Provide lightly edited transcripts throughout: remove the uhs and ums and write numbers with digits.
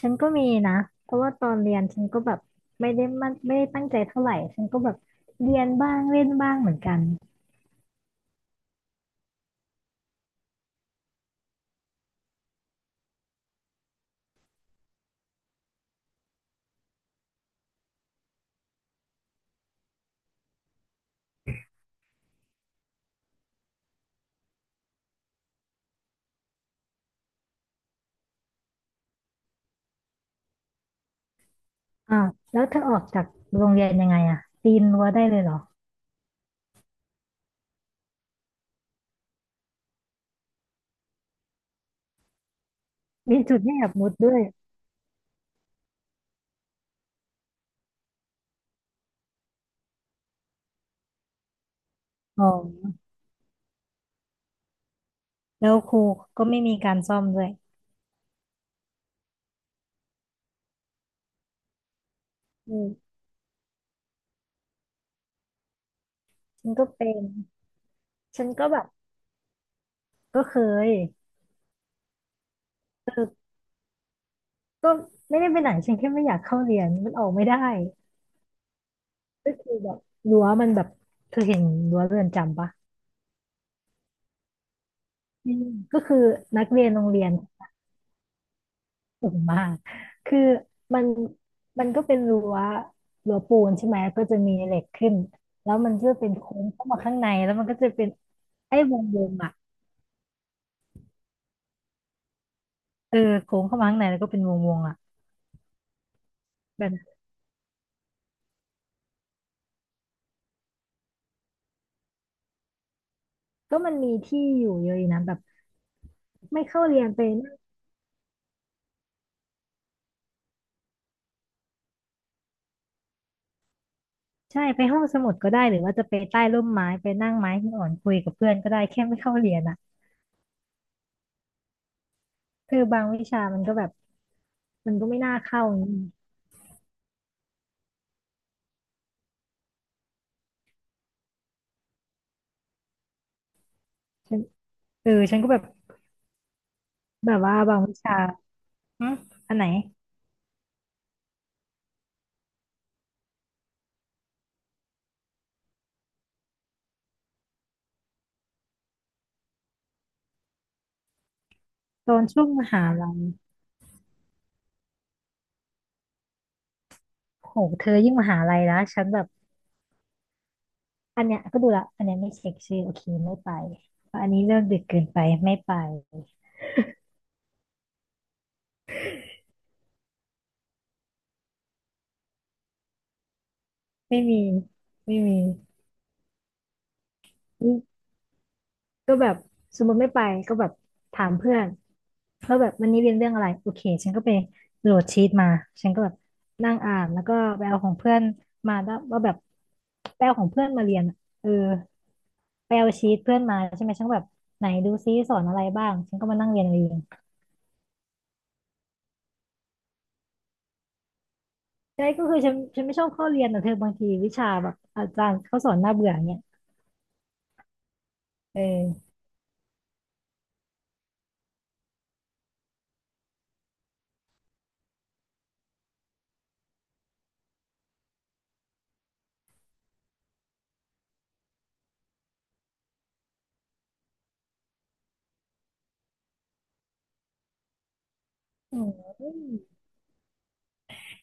ฉันก็มีนะเพราะว่าตอนเรียนฉันก็แบบไม่ได้มันไม่ได้ตั้งใจเท่าไหร่ฉันก็แบบเรียนบ้างเล่นบ้างเหมือนกันอ่าวแล้วเธอออกจากโรงเรียนยังไงอะปีนรั้วได้เลยเหรอมีจุดให้แอบมุดด้วยอ๋อแล้วครูก็ไม่มีการซ่อมด้วยอืมฉันก็เป็น ฉันก็แบบก็เคยเออก็ไม่ได้ไปไหนฉันแค่ไม่อยากเข้าเรียน มันออกไม่ได้ ก็คือแบบรั้วมันแบบเธอเห็นรั้วเรือนจำปะอืมก็คือนักเรียนโรงเรียน สูงมากคือมันก็เป็นรั้วปูนใช่ไหมแล้วก็จะมีเหล็กขึ้นแล้วมันก็เป็นโค้งเข้ามาข้างในแล้วมันก็จะเป็นไอ้วงวงอ่ะเออโค้งเข้ามาข้างในแล้วก็เป็นวงวงอ่ะแบบนั้นก็มันมีที่อยู่เยอะอยู่นะแบบไม่เข้าเรียนไปนั่งใช่ไปห้องสมุดก็ได้หรือว่าจะไปใต้ร่มไม้ไปนั่งไม้หินอ่อนคุยกับเพื่อนก็ได้แค่ไม่เข้าเรียนอ่ะคือบางวิชามันก็แบบมันก็ไม่น่าเข้าอย่างนี้ฉันเออฉันก็แบบแบบว่าบางวิชาอืมอันไหน ตอนช่วงมหาลัยโหเธอยิ่งมหาลัยนะฉันแบบอันเนี้ยก็ดูละอันเนี้ยไม่เช็คชื่อโอเคไม่ไปอันนี้เลิกดึกเกินไปไม่ไปไม่มีไม่มีนี่ก็แบบสมมติไม่ไปก็แบบถามเพื่อนว่าแบบวันนี้เรียนเรื่องอะไรโอเคฉันก็ไปโหลดชีตมาฉันก็แบบนั่งอ่านแล้วก็ไปเอาของเพื่อนมาแล้วว่าแบบไปเอาของเพื่อนมาเรียนอะเออไปเอาชีตเพื่อนมาใช่ไหมฉันก็แบบไหนดูซิสอนอะไรบ้างฉันก็มานั่งเรียนเอง ใช่ก็คือฉันไม่ชอบเข้าเรียนแต่เธอบางทีวิชาแบบอาจารย์เขาสอนน่าเบื่ออย่างเนี่ยเอออืม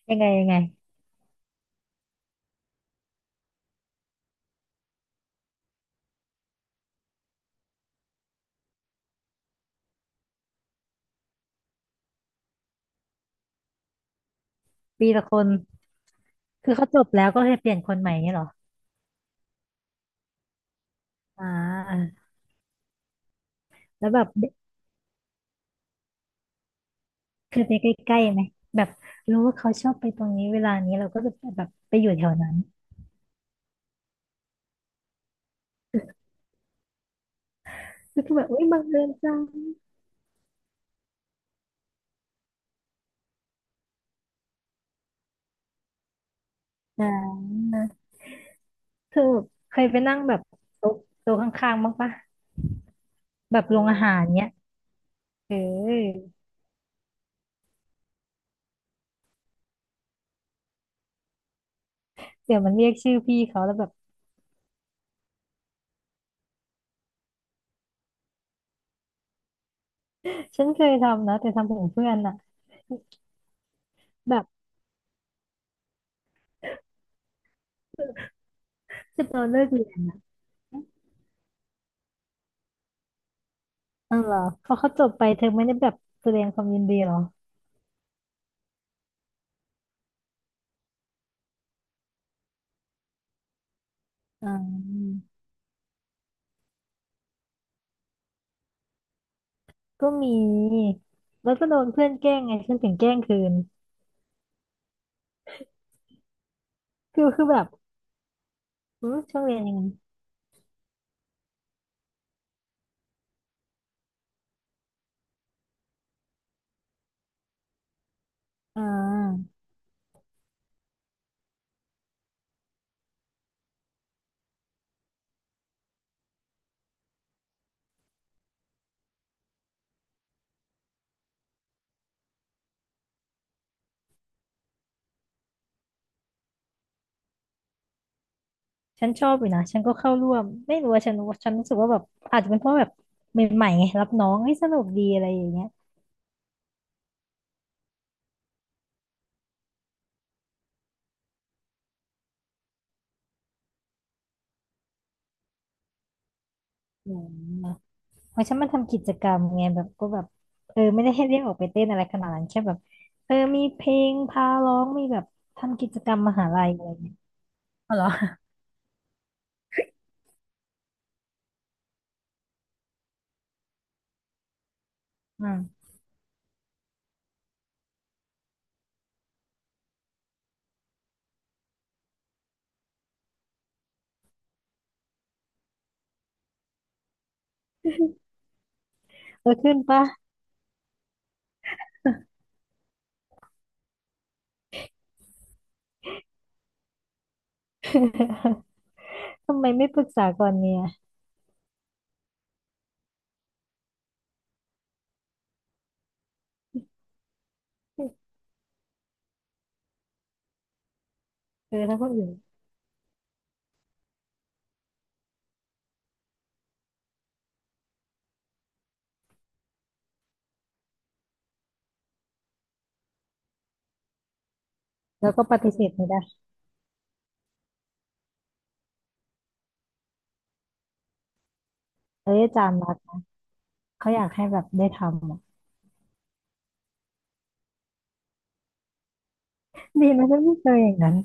ยังไงยังไงปีละคนคือเขาจบแล้วก็เลยเปลี่ยนคนใหม่เนี่ยเหรออ่าแล้วแบบเคยไปใกล้ๆไหมแบบรู้ว่าเขาชอบไปตรงนี้เวลานี้เราก็จะแบบไปอยู่แถวนั้นก็คือแบบอุ้ยบังเอิญจังอ่าเธอเคยไปนั่งแบบโต๊ะโต๊ะข้างๆบ้างปะแบบโรงอาหารเนี้ยเออเดี๋ยวมันเรียกชื่อพี่เขาแล้วแบบฉันเคยทำนะแต่ทำของเพื่อนอะ แบบคือตอนเลิกเรียนอ๋อเหรอพอเขาจบไปเธอไม่ได้แบบแสดงความยินดีเหรออ่าก็มีแล้วก็โดนเพื่อนแกล้งไงฉันถึงแกล้งคืนคือแบบอืมช่วงเรียนยังไงอ่าฉันชอบอยู่นะฉันก็เข้าร่วมไม่รู้ว่าฉันรู้ฉันรู้สึกว่าแบบอาจจะเป็นเพราะแบบใหม่ๆไงรับน้องเฮ้ยสนุกดีอะไรอย่างเงี้ยอืม เพราะฉันมาทำกิจกรรมไงแบบก็แบบเออไม่ได้ให้เรียกออกไปเต้นอะไรขนาดนั้นแค่แบบเออมีเพลงพาร้องมีแบบทำกิจกรรมมหาลัยอะไรเงี้ยอ๋อเหรออืมเออขึ้นปะ ทำไมไม่ปรึกษาก่อนเนี่ยเออถ้าคนอื่นแล้วก็ปฏิเสธไม่ได้เอ้ยอาจารย์รักเขาอยากให้แบบได้ทำอะดีนะฉันไม่เจออย่างนั้น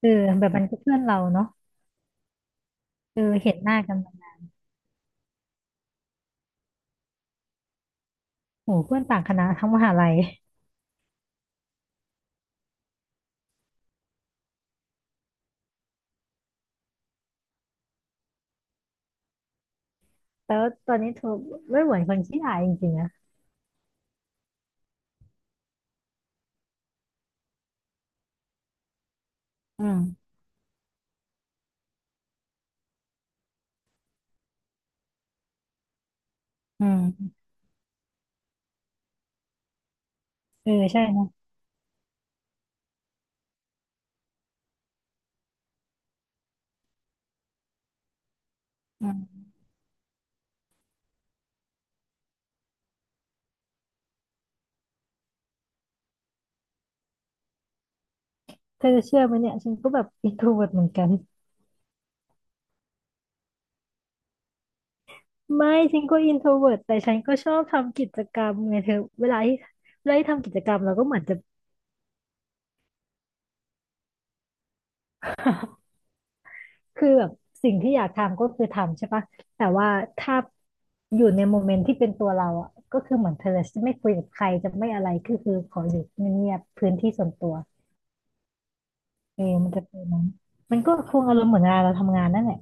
เออแบบมันก็เพื่อนเราเนาะเออเห็นหน้ากันมาโหเพื่อนต่างคณะทั้งมหาลัยแต่ว่าตอนนี้เธอไม่เหมือนคนขี้อายจริงๆนะอืมอืม เออใช่นะอืมเธอจะเชื่อไหมเนี่ยฉันก็แบบอินโทรเวิร์เหมือนกันไม่ฉันก็อินโทรเวิร์แต่ฉันก็ชอบทำกิจกรรมไงเธอเวลาที่เวลาที่ทำกิจกรรมเราก็เหมือนจะ คือแบบสิ่งที่อยากทำก็คือทำใช่ปะแต่ว่าถ้าอยู่ในโมเมนต์ที่เป็นตัวเราอ่ะก็คือเหมือนเธอจะไม่คุยกับใครจะไม่อะไรก็คือขออยู่เงียบๆพื้นที่ส่วนตัวเออมันจะเป็นนั้นมันก็คงอารมณ์เหมือนเวลาเราทำงานนั่นแหละ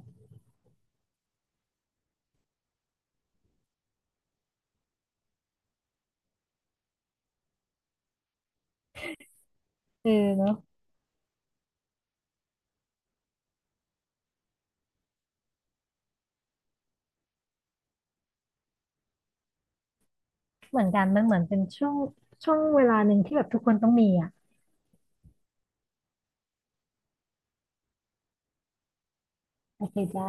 เออเนาะเหมือนกันมันเหมือนเป็นช่วงช่วงเวลาหนึ่งที่แบบทุกคนต้องมีอ่ะ โอเคจ้า